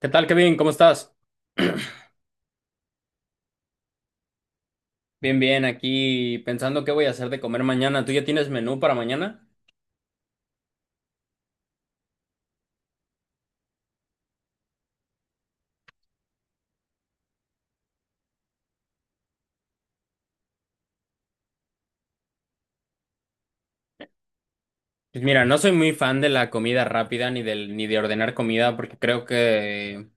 ¿Qué tal, Kevin? ¿Cómo estás? Bien, bien, aquí pensando qué voy a hacer de comer mañana. ¿Tú ya tienes menú para mañana? Pues mira, no soy muy fan de la comida rápida ni del ni de ordenar comida porque creo que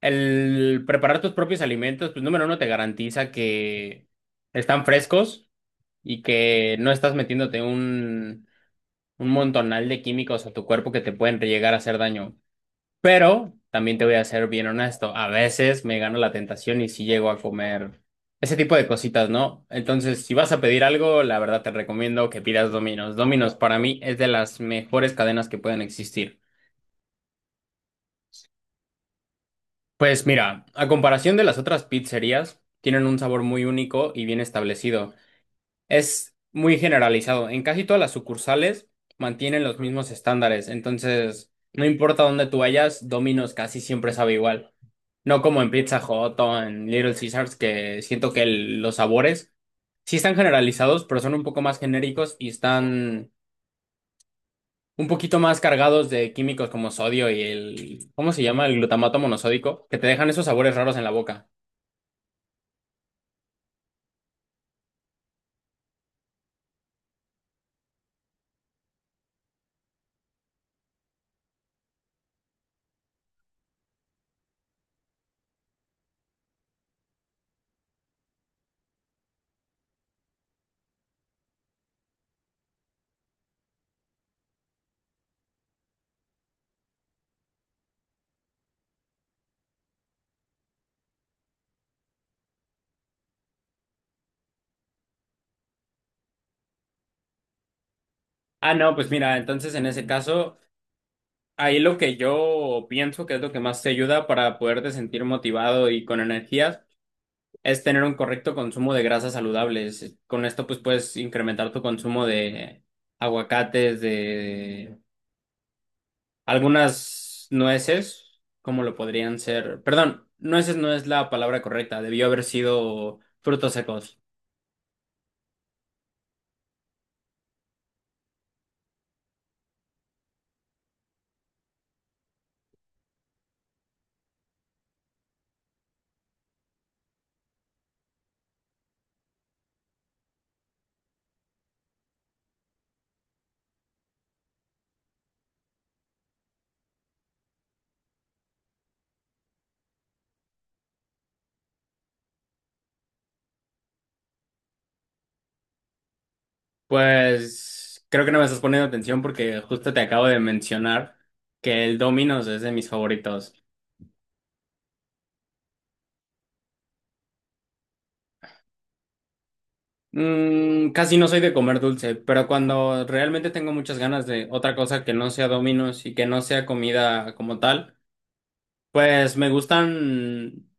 el preparar tus propios alimentos, pues número uno te garantiza que están frescos y que no estás metiéndote un montonal de químicos a tu cuerpo que te pueden llegar a hacer daño. Pero también te voy a ser bien honesto, a veces me gano la tentación y sí llego a comer ese tipo de cositas, ¿no? Entonces, si vas a pedir algo, la verdad te recomiendo que pidas Domino's. Domino's para mí es de las mejores cadenas que pueden existir. Pues mira, a comparación de las otras pizzerías, tienen un sabor muy único y bien establecido. Es muy generalizado. En casi todas las sucursales mantienen los mismos estándares. Entonces, no importa dónde tú vayas, Domino's casi siempre sabe igual. No como en Pizza Hut o en Little Caesars, que siento que los sabores sí están generalizados, pero son un poco más genéricos y están un poquito más cargados de químicos como sodio y el, ¿cómo se llama? El glutamato monosódico, que te dejan esos sabores raros en la boca. Ah, no, pues mira, entonces en ese caso, ahí lo que yo pienso que es lo que más te ayuda para poderte sentir motivado y con energías, es tener un correcto consumo de grasas saludables. Con esto, pues puedes incrementar tu consumo de aguacates, de algunas nueces, como lo podrían ser. Perdón, nueces no es la palabra correcta, debió haber sido frutos secos. Pues creo que no me estás poniendo atención porque justo te acabo de mencionar que el Domino's es de mis favoritos. Casi no soy de comer dulce, pero cuando realmente tengo muchas ganas de otra cosa que no sea Domino's y que no sea comida como tal, pues me gustan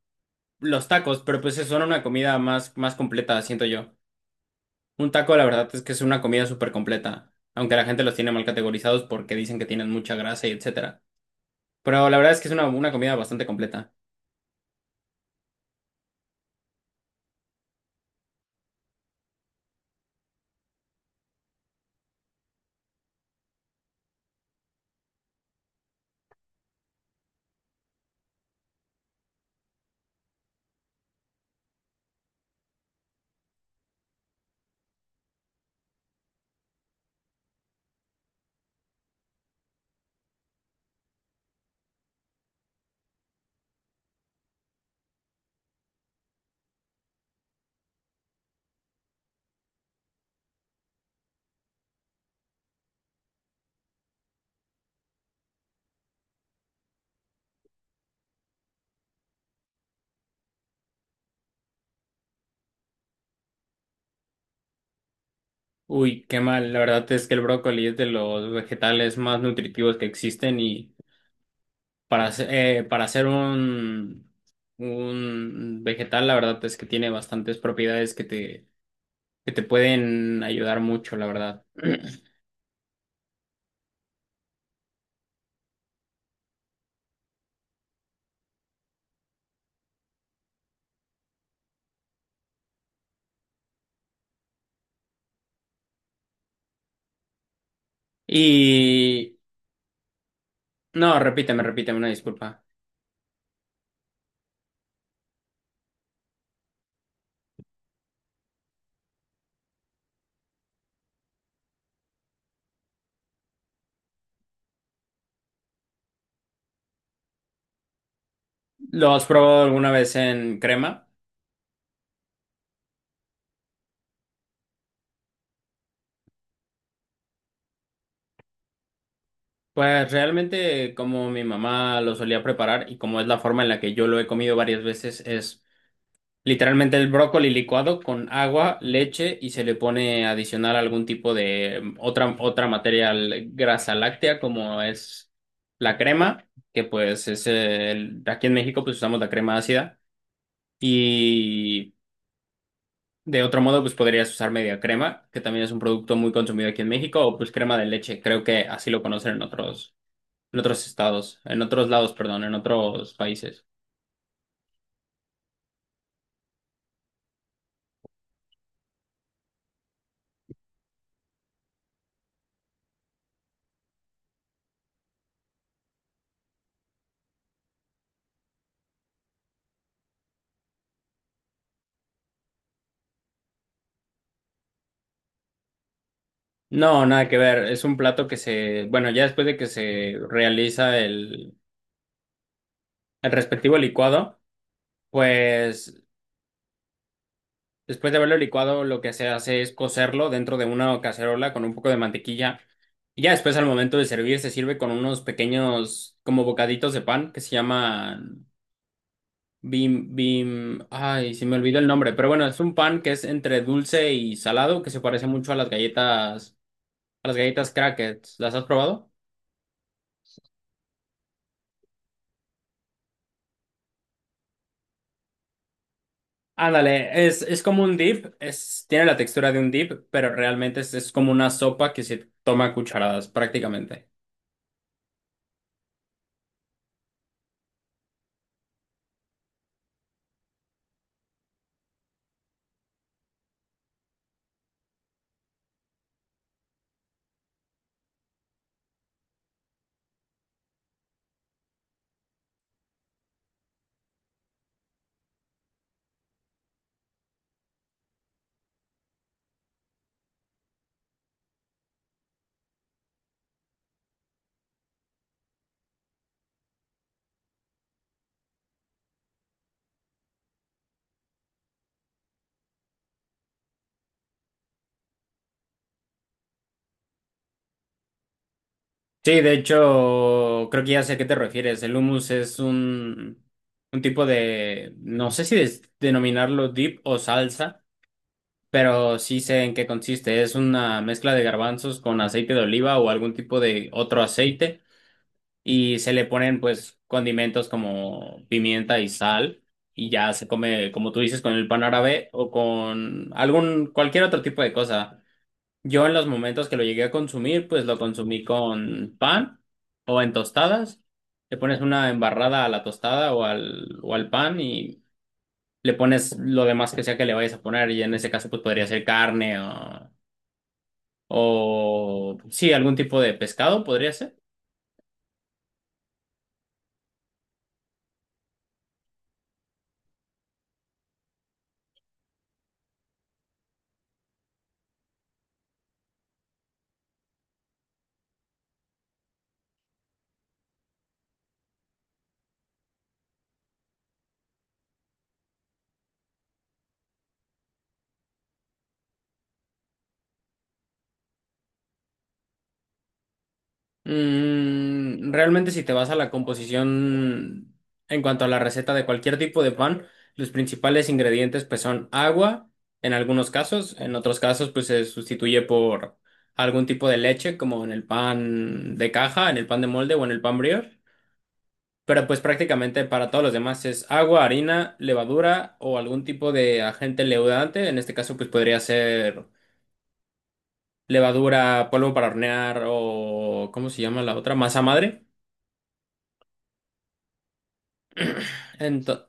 los tacos, pero pues son una comida más, más completa, siento yo. Un taco, la verdad es que es una comida súper completa, aunque la gente los tiene mal categorizados porque dicen que tienen mucha grasa y etcétera. Pero la verdad es que es una comida bastante completa. Uy, qué mal, la verdad es que el brócoli es de los vegetales más nutritivos que existen y para hacer un vegetal, la verdad es que tiene bastantes propiedades que te pueden ayudar mucho, la verdad. Y no, repíteme, repíteme, una disculpa. ¿Lo has probado alguna vez en crema? Pues realmente como mi mamá lo solía preparar y como es la forma en la que yo lo he comido varias veces, es literalmente el brócoli licuado con agua, leche y se le pone adicional algún tipo de otra grasa láctea como es la crema, que pues aquí en México pues usamos la crema ácida y de otro modo pues podrías usar media crema, que también es un producto muy consumido aquí en México, o pues crema de leche, creo que así lo conocen en otros, estados, en otros lados, perdón, en otros países. No, nada que ver. Es un plato que bueno, ya después de que se realiza el respectivo licuado, pues después de haberlo licuado, lo que se hace es cocerlo dentro de una cacerola con un poco de mantequilla. Y ya después, al momento de servir, se sirve con unos pequeños, como bocaditos de pan que se llaman bim, bim. Ay, se me olvidó el nombre, pero bueno, es un pan que es entre dulce y salado, que se parece mucho a las galletas crackers. ¿Las has probado? Ándale, es como un dip, tiene la textura de un dip, pero realmente es como una sopa que se toma a cucharadas prácticamente. Sí, de hecho, creo que ya sé a qué te refieres. El hummus es un tipo de, no sé si denominarlo dip o salsa, pero sí sé en qué consiste. Es una mezcla de garbanzos con aceite de oliva o algún tipo de otro aceite, y se le ponen pues condimentos como pimienta y sal y ya se come, como tú dices, con el pan árabe o con algún cualquier otro tipo de cosa. Yo en los momentos que lo llegué a consumir, pues lo consumí con pan o en tostadas. Le pones una embarrada a la tostada o al pan y le pones lo demás que sea que le vayas a poner y en ese caso pues podría ser carne o sí, algún tipo de pescado podría ser. Realmente si te vas a la composición en cuanto a la receta de cualquier tipo de pan, los principales ingredientes pues son agua en algunos casos, en otros casos pues se sustituye por algún tipo de leche como en el pan de caja, en el pan de molde o en el pan brioche, pero pues prácticamente para todos los demás es agua, harina, levadura o algún tipo de agente leudante, en este caso pues podría ser levadura, polvo para hornear o ¿cómo se llama la otra? Masa madre. Ento-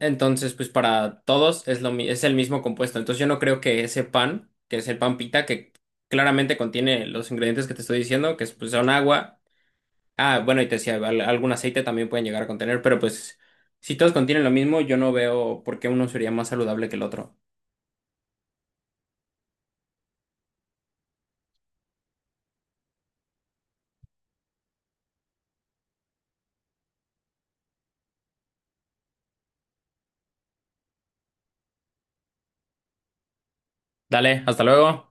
Entonces, pues para todos es el mismo compuesto. Entonces yo no creo que ese pan, que es el pan pita, que claramente contiene los ingredientes que te estoy diciendo, que es, pues, son agua. Ah, bueno, y te decía, algún aceite también pueden llegar a contener, pero pues si todos contienen lo mismo, yo no veo por qué uno sería más saludable que el otro. Dale, hasta luego.